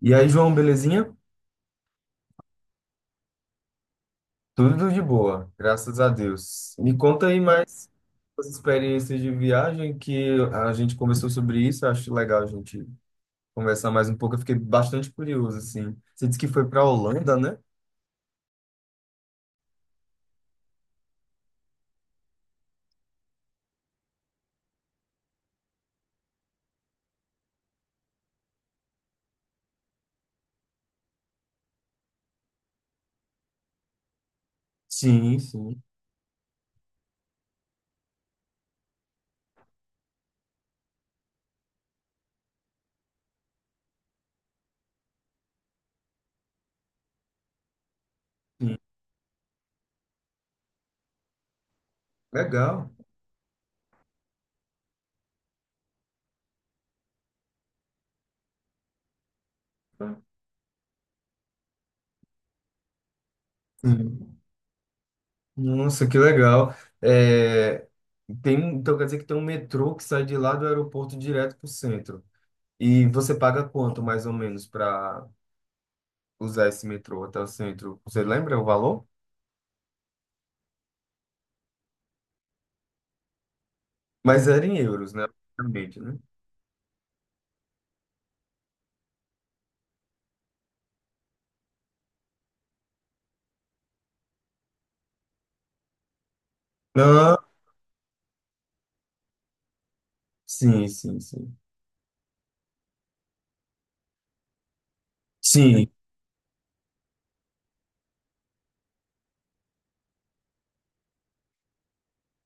E aí, João, belezinha? Tudo de boa, graças a Deus. Me conta aí mais as experiências de viagem que a gente conversou sobre isso, acho legal a gente conversar mais um pouco. Eu fiquei bastante curioso, assim. Você disse que foi para a Holanda, né? Sim, sim, sim. Legal. Sim. Nossa, que legal. É, tem, então quer dizer que tem um metrô que sai de lá do aeroporto direto para o centro. E você paga quanto mais ou menos para usar esse metrô até o centro? Você lembra o valor? Mas era em euros, né? Obviamente, né? Não, sim, sim, sim. Sim,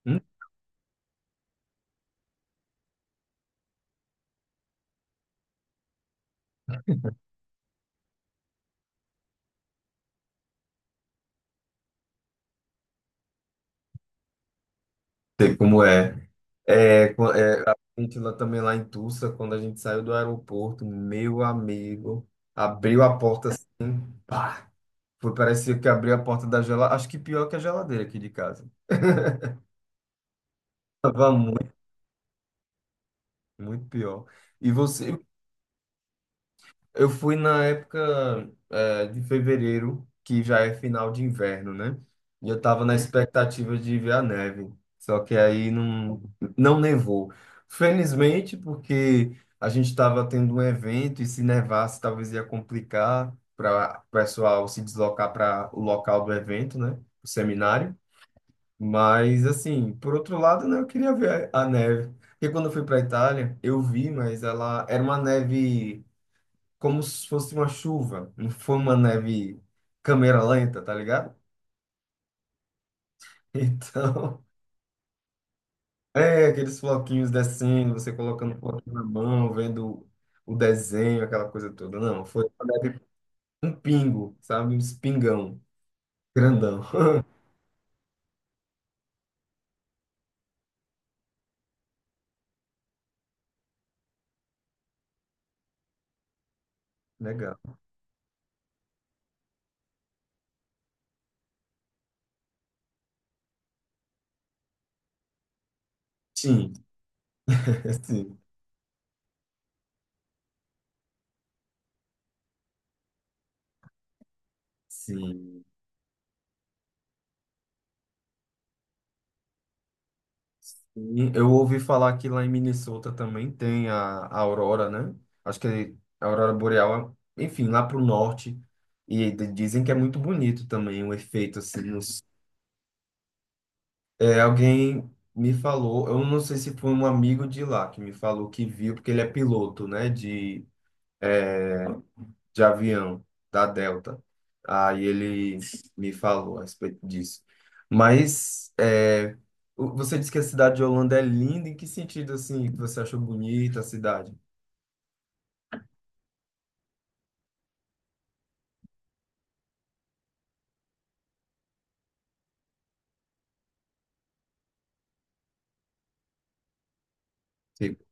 não sei como é. É, é, a gente lá também lá em Tulsa, quando a gente saiu do aeroporto, meu amigo, abriu a porta, assim, pá, foi, parecia que abriu a porta da geladeira, acho que pior que a geladeira aqui de casa. Tava muito, muito pior. E você, eu fui na época, de fevereiro, que já é final de inverno, né? E eu tava na Uhum expectativa de ver a neve, só que aí não, não nevou. Felizmente, porque a gente estava tendo um evento e se nevasse talvez ia complicar para o pessoal se deslocar para o local do evento, né? O seminário. Mas, assim, por outro lado, né, eu queria ver a neve. Porque quando eu fui para a Itália, eu vi, mas ela era uma neve como se fosse uma chuva, não foi uma neve câmera lenta, tá ligado? Então, é aqueles floquinhos descendo, você colocando o floquinho na mão, vendo o desenho, aquela coisa toda. Não, foi uma neve, um pingo, sabe? Um espingão, grandão. Legal. Sim, sim, sim. Sim, eu ouvi falar que lá em Minnesota também tem a aurora, né? Acho que a aurora boreal, enfim, lá pro norte. E dizem que é muito bonito também o efeito assim. Nos- é, alguém me falou, eu não sei se foi um amigo de lá que me falou que viu, porque ele é piloto, né? De avião da Delta. Aí ele me falou a respeito disso. Mas é, você disse que a cidade de Holanda é linda. Em que sentido assim que você achou bonita a cidade? Tipo,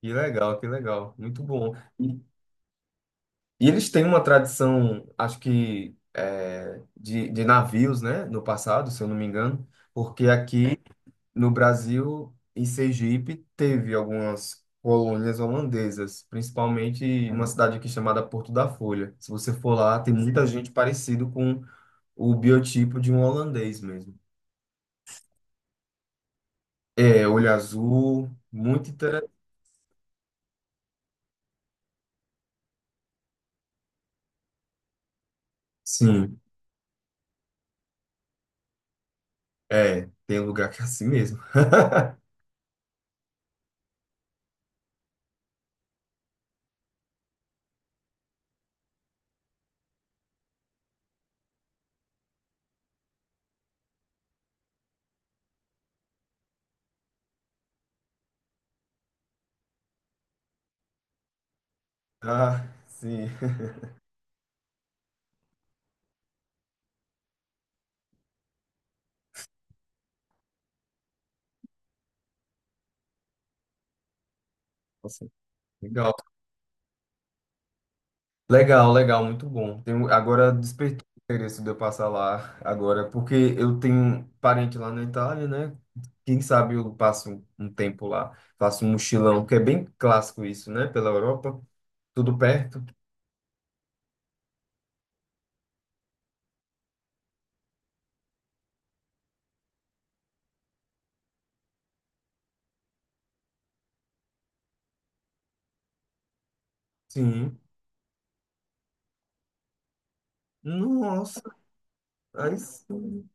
que legal, muito bom. E, e eles têm uma tradição, acho que é, de navios, né? No passado, se eu não me engano, porque aqui no Brasil, em Sergipe, teve algumas colônias holandesas, principalmente uma cidade aqui chamada Porto da Folha. Se você for lá, tem muita gente parecido com o biotipo de um holandês mesmo. É, olho azul, muito interessante. Sim, é, tem lugar que é assim mesmo. Ah, sim. Nossa, legal. Legal, legal, muito bom. Tenho, agora despertou o interesse de eu passar lá agora, porque eu tenho parente lá na Itália, né? Quem sabe eu passo um tempo lá, faço um mochilão, que é bem clássico isso, né? Pela Europa, tudo perto. Sim. Nossa, aí sim.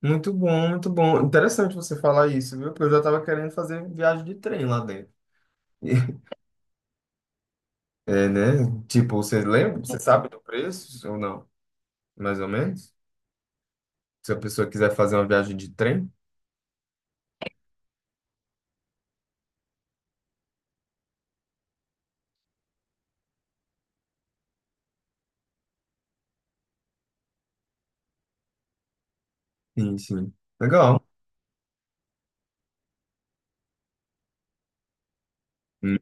Muito bom, muito bom. Interessante você falar isso, viu? Porque eu já tava querendo fazer viagem de trem lá dentro. É, né? Tipo, você lembra? Você sabe do preço ou não? Mais ou menos? Se a pessoa quiser fazer uma viagem de trem. Sim, sim. Legal. Hum.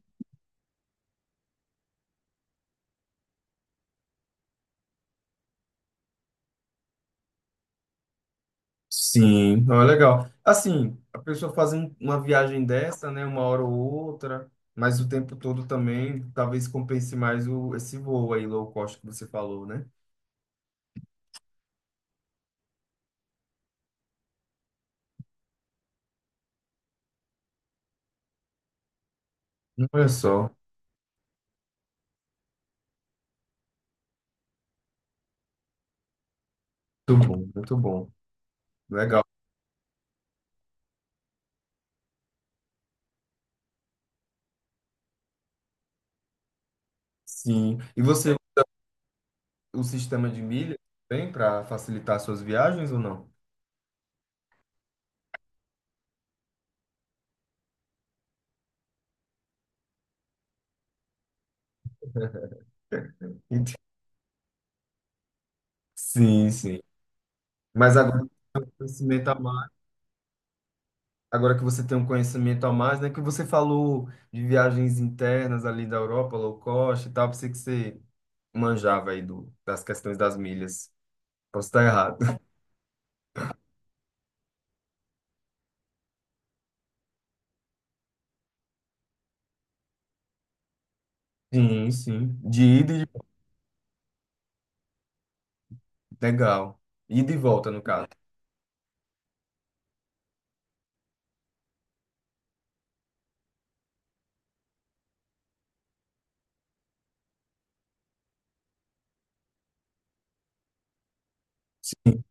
Sim, não é legal. Assim, a pessoa faz uma viagem dessa, né, uma hora ou outra, mas o tempo todo também, talvez compense mais o, esse voo aí low cost que você falou, né? Olha só, muito bom, muito bom. Legal. Sim. E você, o sistema de milhas tem para facilitar suas viagens ou não? Ent- sim, sim. Mas agora o conhecimento a agora que você tem um conhecimento a mais, né? Que você falou de viagens internas ali da Europa, low cost e tal, pensei que você manjava aí do, das questões das milhas. Posso estar errado. Sim, sim. De ida e de... Legal. Ida e volta, no caso. Sim.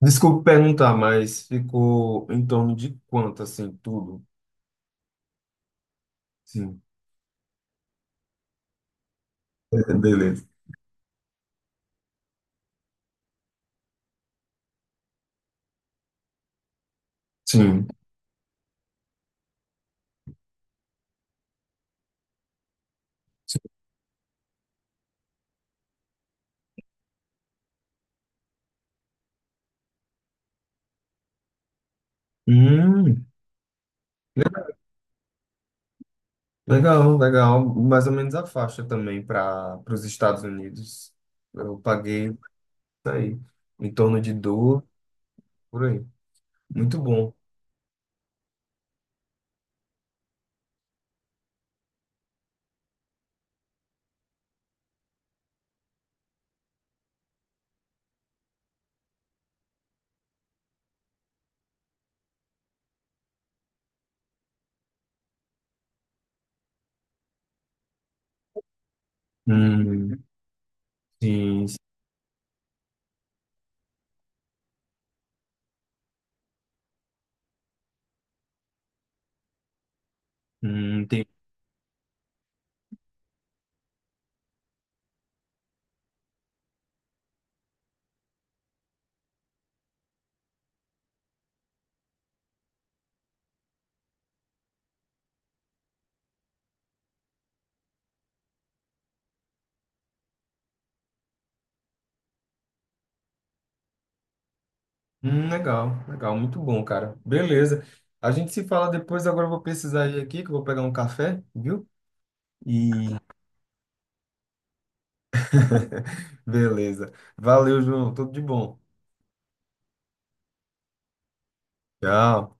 Desculpe perguntar, mas ficou em torno de quanto, assim, tudo? Sim. É, beleza. Sim. Hum, legal, legal. Mais ou menos a faixa também para os Estados Unidos. Eu paguei tá aí. Em torno de dor, por aí. Muito bom. Hum, sim. Sim. Tem... Hum, legal, legal, muito bom, cara. Beleza. A gente se fala depois, agora eu vou precisar ir aqui, que eu vou pegar um café, viu? E beleza. Valeu, João. Tudo de bom. Tchau.